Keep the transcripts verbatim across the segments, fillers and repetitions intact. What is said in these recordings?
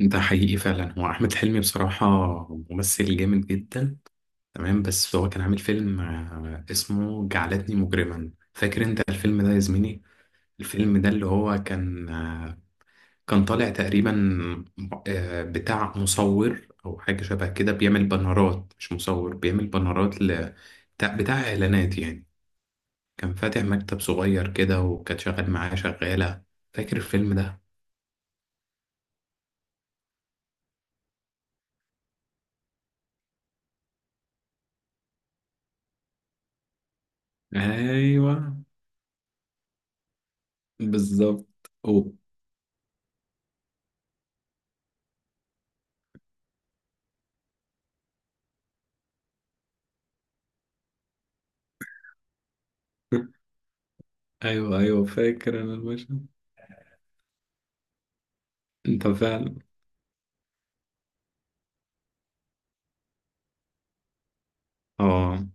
ده حقيقي فعلا. هو احمد حلمي بصراحه ممثل جامد جدا. تمام، بس هو كان عامل فيلم آه، اسمه جعلتني مجرما. فاكر انت الفيلم ده يا زميلي؟ الفيلم ده اللي هو كان آه، كان طالع تقريبا آه، بتاع مصور او حاجه شبه كده، بيعمل بانرات. مش مصور، بيعمل بانرات ل... بتاع بتاع اعلانات يعني. كان فاتح مكتب صغير كده، وكان شغال معاه شغاله. فاكر الفيلم ده؟ ايوه، بالظبط. أوه. ايوه، ايوه، فاكر انا المشهد. انت فعلا. اه،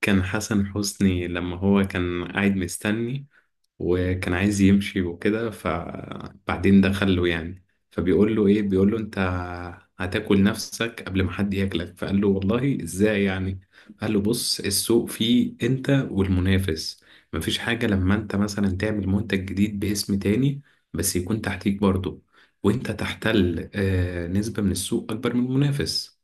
كان حسن حسني. لما هو كان قاعد مستني وكان عايز يمشي وكده، فبعدين دخل له يعني. فبيقول له ايه؟ بيقول له انت هتاكل نفسك قبل ما حد ياكلك. فقال له والله ازاي يعني؟ قال له بص، السوق فيه انت والمنافس، مفيش حاجة. لما انت مثلا تعمل منتج جديد باسم تاني، بس يكون تحتيك برضه، وانت تحتل آه، نسبة من السوق اكبر من المنافس.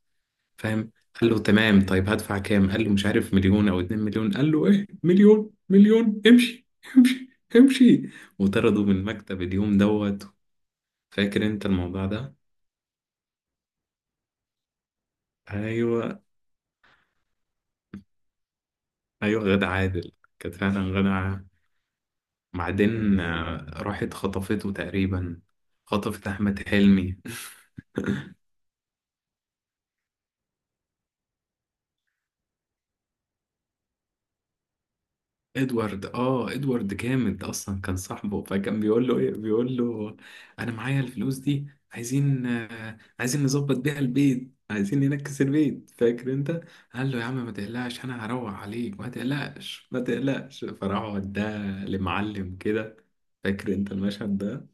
فاهم؟ قال له تمام، طيب هدفع كام؟ قال له مش عارف، مليون او اتنين مليون. قال له ايه؟ مليون؟ مليون امشي! امشي، امشي. وطرده من المكتب اليوم دوت. فاكر انت الموضوع ده؟ ايوه، ايوه، غادة عادل. كانت فعلا غادة عادل. بعدين آه، راحت خطفته تقريبا. خطفت احمد حلمي. ادوارد. اه، ادوارد جامد اصلا. كان صاحبه، فكان بيقول له ايه؟ بيقول له انا معايا الفلوس دي، عايزين آه، عايزين نظبط بيها البيت، عايزين ننكس البيت. فاكر انت؟ قال له يا عم ما تقلقش، انا هروق عليك، ما تقلقش ما تقلقش. فراح وداه لمعلم كده. فاكر انت المشهد ده؟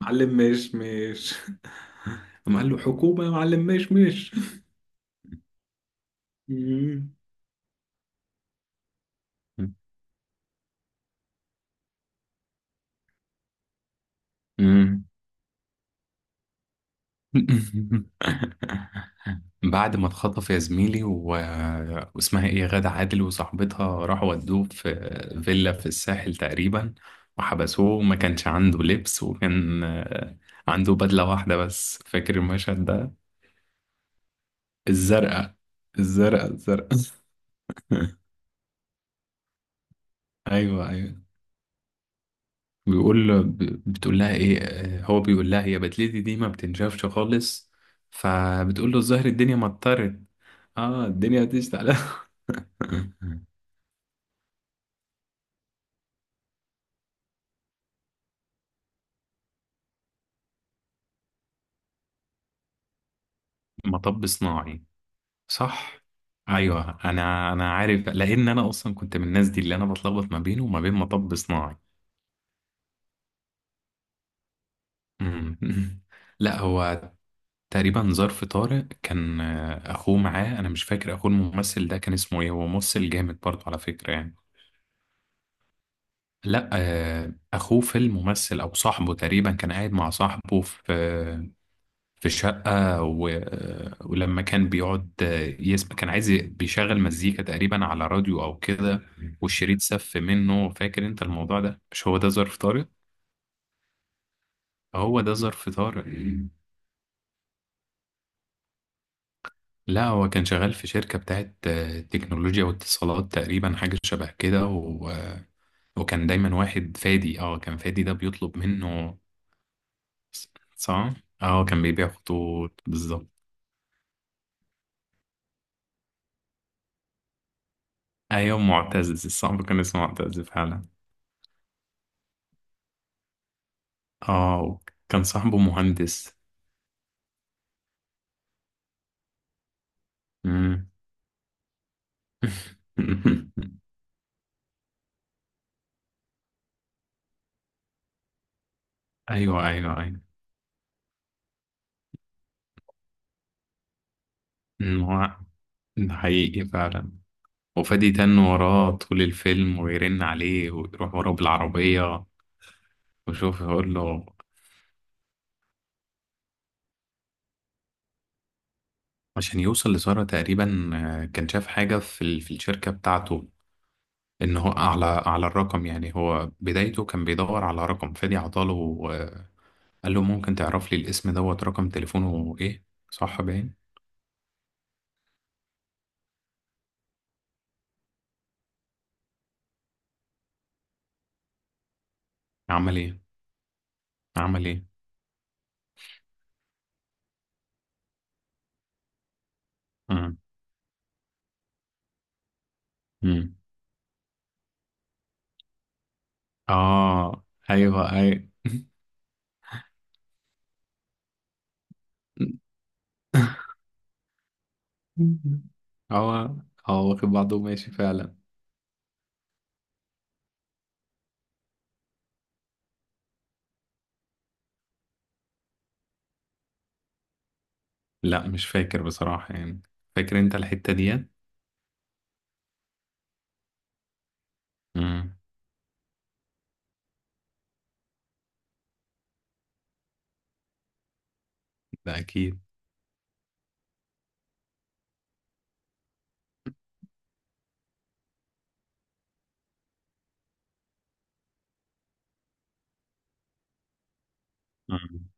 معلم مش مش قام قال له حكومة يا معلم مش مش مم. مم. بعد ما اتخطف يا زميلي و... واسمها ايه، غادة عادل وصاحبتها، راحوا ودوه في فيلا في الساحل تقريبا. وحبسوه وما كانش عنده لبس، وكان آه، عنده بدلة واحدة بس. فاكر المشهد ده؟ الزرقاء. الزرقاء الزرقاء ايوه، ايوه. بيقول له- ب- بتقول لها ايه؟ آه، هو بيقول لها: هي بدلتي دي ما بتنشفش خالص. فبتقول له الظاهر الدنيا مطرت. اه، الدنيا هتشتعل. مطب صناعي. صح. ايوه، انا انا عارف، لان انا اصلا كنت من الناس دي اللي انا بتلخبط ما بينه وما بين مطب صناعي. أمم. لا، هو تقريبا ظرف طارق كان آه، اخوه معاه. انا مش فاكر اخوه الممثل ده كان اسمه ايه، هو ممثل جامد برضه على فكرة يعني. لا آه، اخوه في الممثل او صاحبه تقريبا. كان قاعد مع صاحبه في في الشقة و... ولما كان بيقعد يسمع، كان عايز ي- بيشغل مزيكا تقريبا على راديو أو كده، والشريط سف منه. فاكر أنت الموضوع ده؟ مش هو ده ظرف طارق؟ هو ده ظرف طارق. لا، هو كان شغال في شركة بتاعت آه، تكنولوجيا واتصالات تقريبا، حاجة شبه كده و... وكان دايما واحد فادي. اه، كان فادي ده بيطلب منه. صح؟ اه، كان بيبيع خطوط بالظبط. ايوه، معتز الصعب، كان اسمه معتز فعلا. اه، كان صاحبه مهندس. مم. ايوه، ايوه، ايوه. أمم، هو ده حقيقي فعلا. وفادي تن وراه طول الفيلم، ويرن عليه ويروح وراه بالعربية. وشوف يقول له. عشان يوصل لسارة تقريبا آه، كان شاف حاجة في ال- في الشركة بتاعته. ان هو على على الرقم يعني. هو بدايته كان بيدور على رقم، فادي عطاله آه، قال له ممكن تعرف لي الاسم دوت، رقم تليفونه ايه؟ صح باين. عمل ايه؟ عمل ايه؟ مم. اه، ايوه، ايوه. هو، هو واخد بعضه وماشي فعلا. لا، مش فاكر بصراحة يعني. فاكر انت الحتة ديت؟ مم. ده اكيد. مم.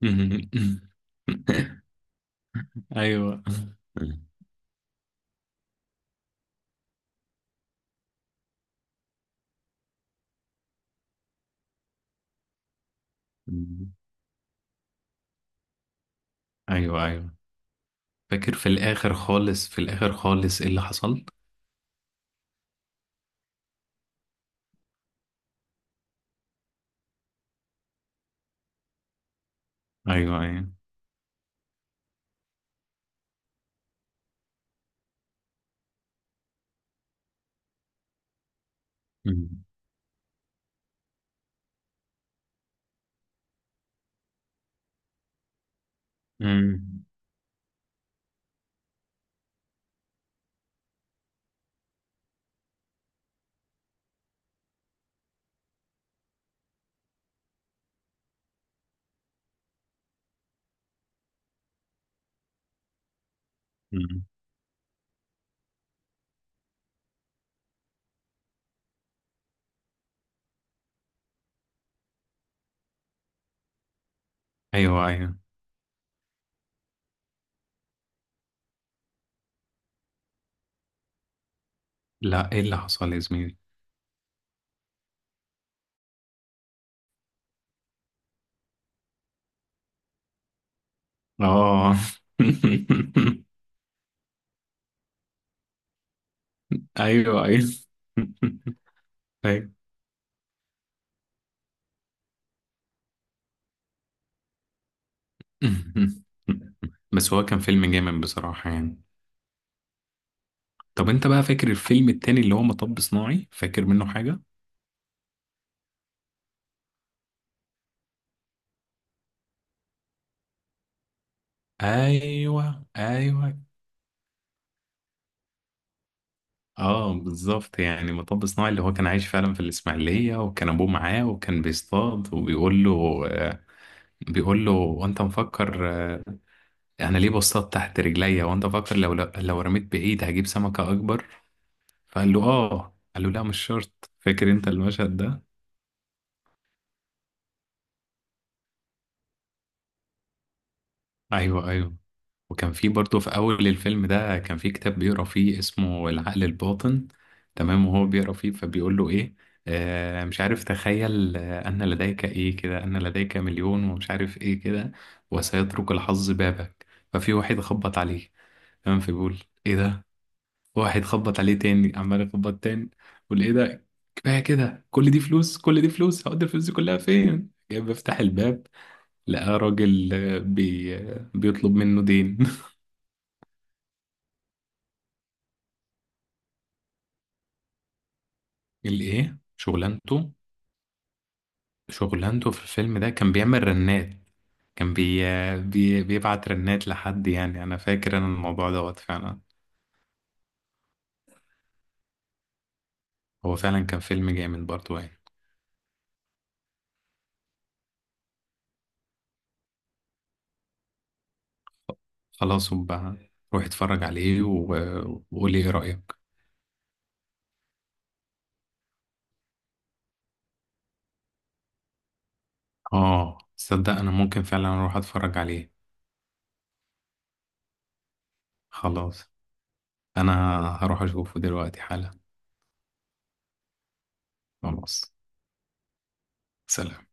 ايوه. مم. ايوه، ايوه. فاكر في الاخر خالص، في الاخر خالص ايه اللي حصل؟ ايوه، ايوه. مم. مم. مم. ايوه، ايوه. لا، ايه اللي حصل يا زميلي؟ اه. ايوه، ايوه. ايوه. بس هو كان فيلم جامد بصراحة يعني. طب انت بقى فاكر الفيلم التاني اللي هو مطب صناعي؟ فاكر منه حاجة؟ ايوه، ايوه. اه، بالظبط يعني. مطب صناعي اللي هو كان عايش فعلا في الاسماعيلية، وكان ابوه معاه وكان بيصطاد وبيقول له آه، بيقول له وانت مفكر آه، انا ليه بصطاد تحت رجليا، وانت مفكر لو لو رميت بعيد هجيب سمكة اكبر؟ فقال له اه. قال له لا، مش شرط. فاكر انت المشهد ده؟ ايوه، ايوه. وكان في برضه في أول الفيلم ده كان في كتاب بيقرأ فيه اسمه العقل الباطن. تمام، وهو بيقرأ فيه فبيقول له إيه. آه، مش عارف، تخيل آه، أن لديك إيه كده، أن لديك مليون، ومش عارف إيه كده، وسيترك الحظ بابك. ففي واحد خبط عليه. تمام، فبيقول إيه ده. واحد خبط عليه تاني، عمال يخبط تاني. يقول إيه ده، كفاية كده، كل دي فلوس، كل دي فلوس، هقعد الفلوس دي كلها فين؟ جاي بفتح الباب، لقى راجل آه، بي... آه، بيطلب منه دين. الايه شغلانته؟ شغلانته في الفيلم ده كان بيعمل رنات. كان بي... بي... بيبعت رنات لحد يعني. انا فاكر انا الموضوع دوت فعلا. هو فعلا كان فيلم جامد برضه يعني. خلاص. وبقى روح اتفرج عليه، و- وقولي ايه رأيك. اه، تصدق انا ممكن فعلا اروح اتفرج عليه. خلاص، انا هروح اشوفه دلوقتي حالا. خلاص. سلام.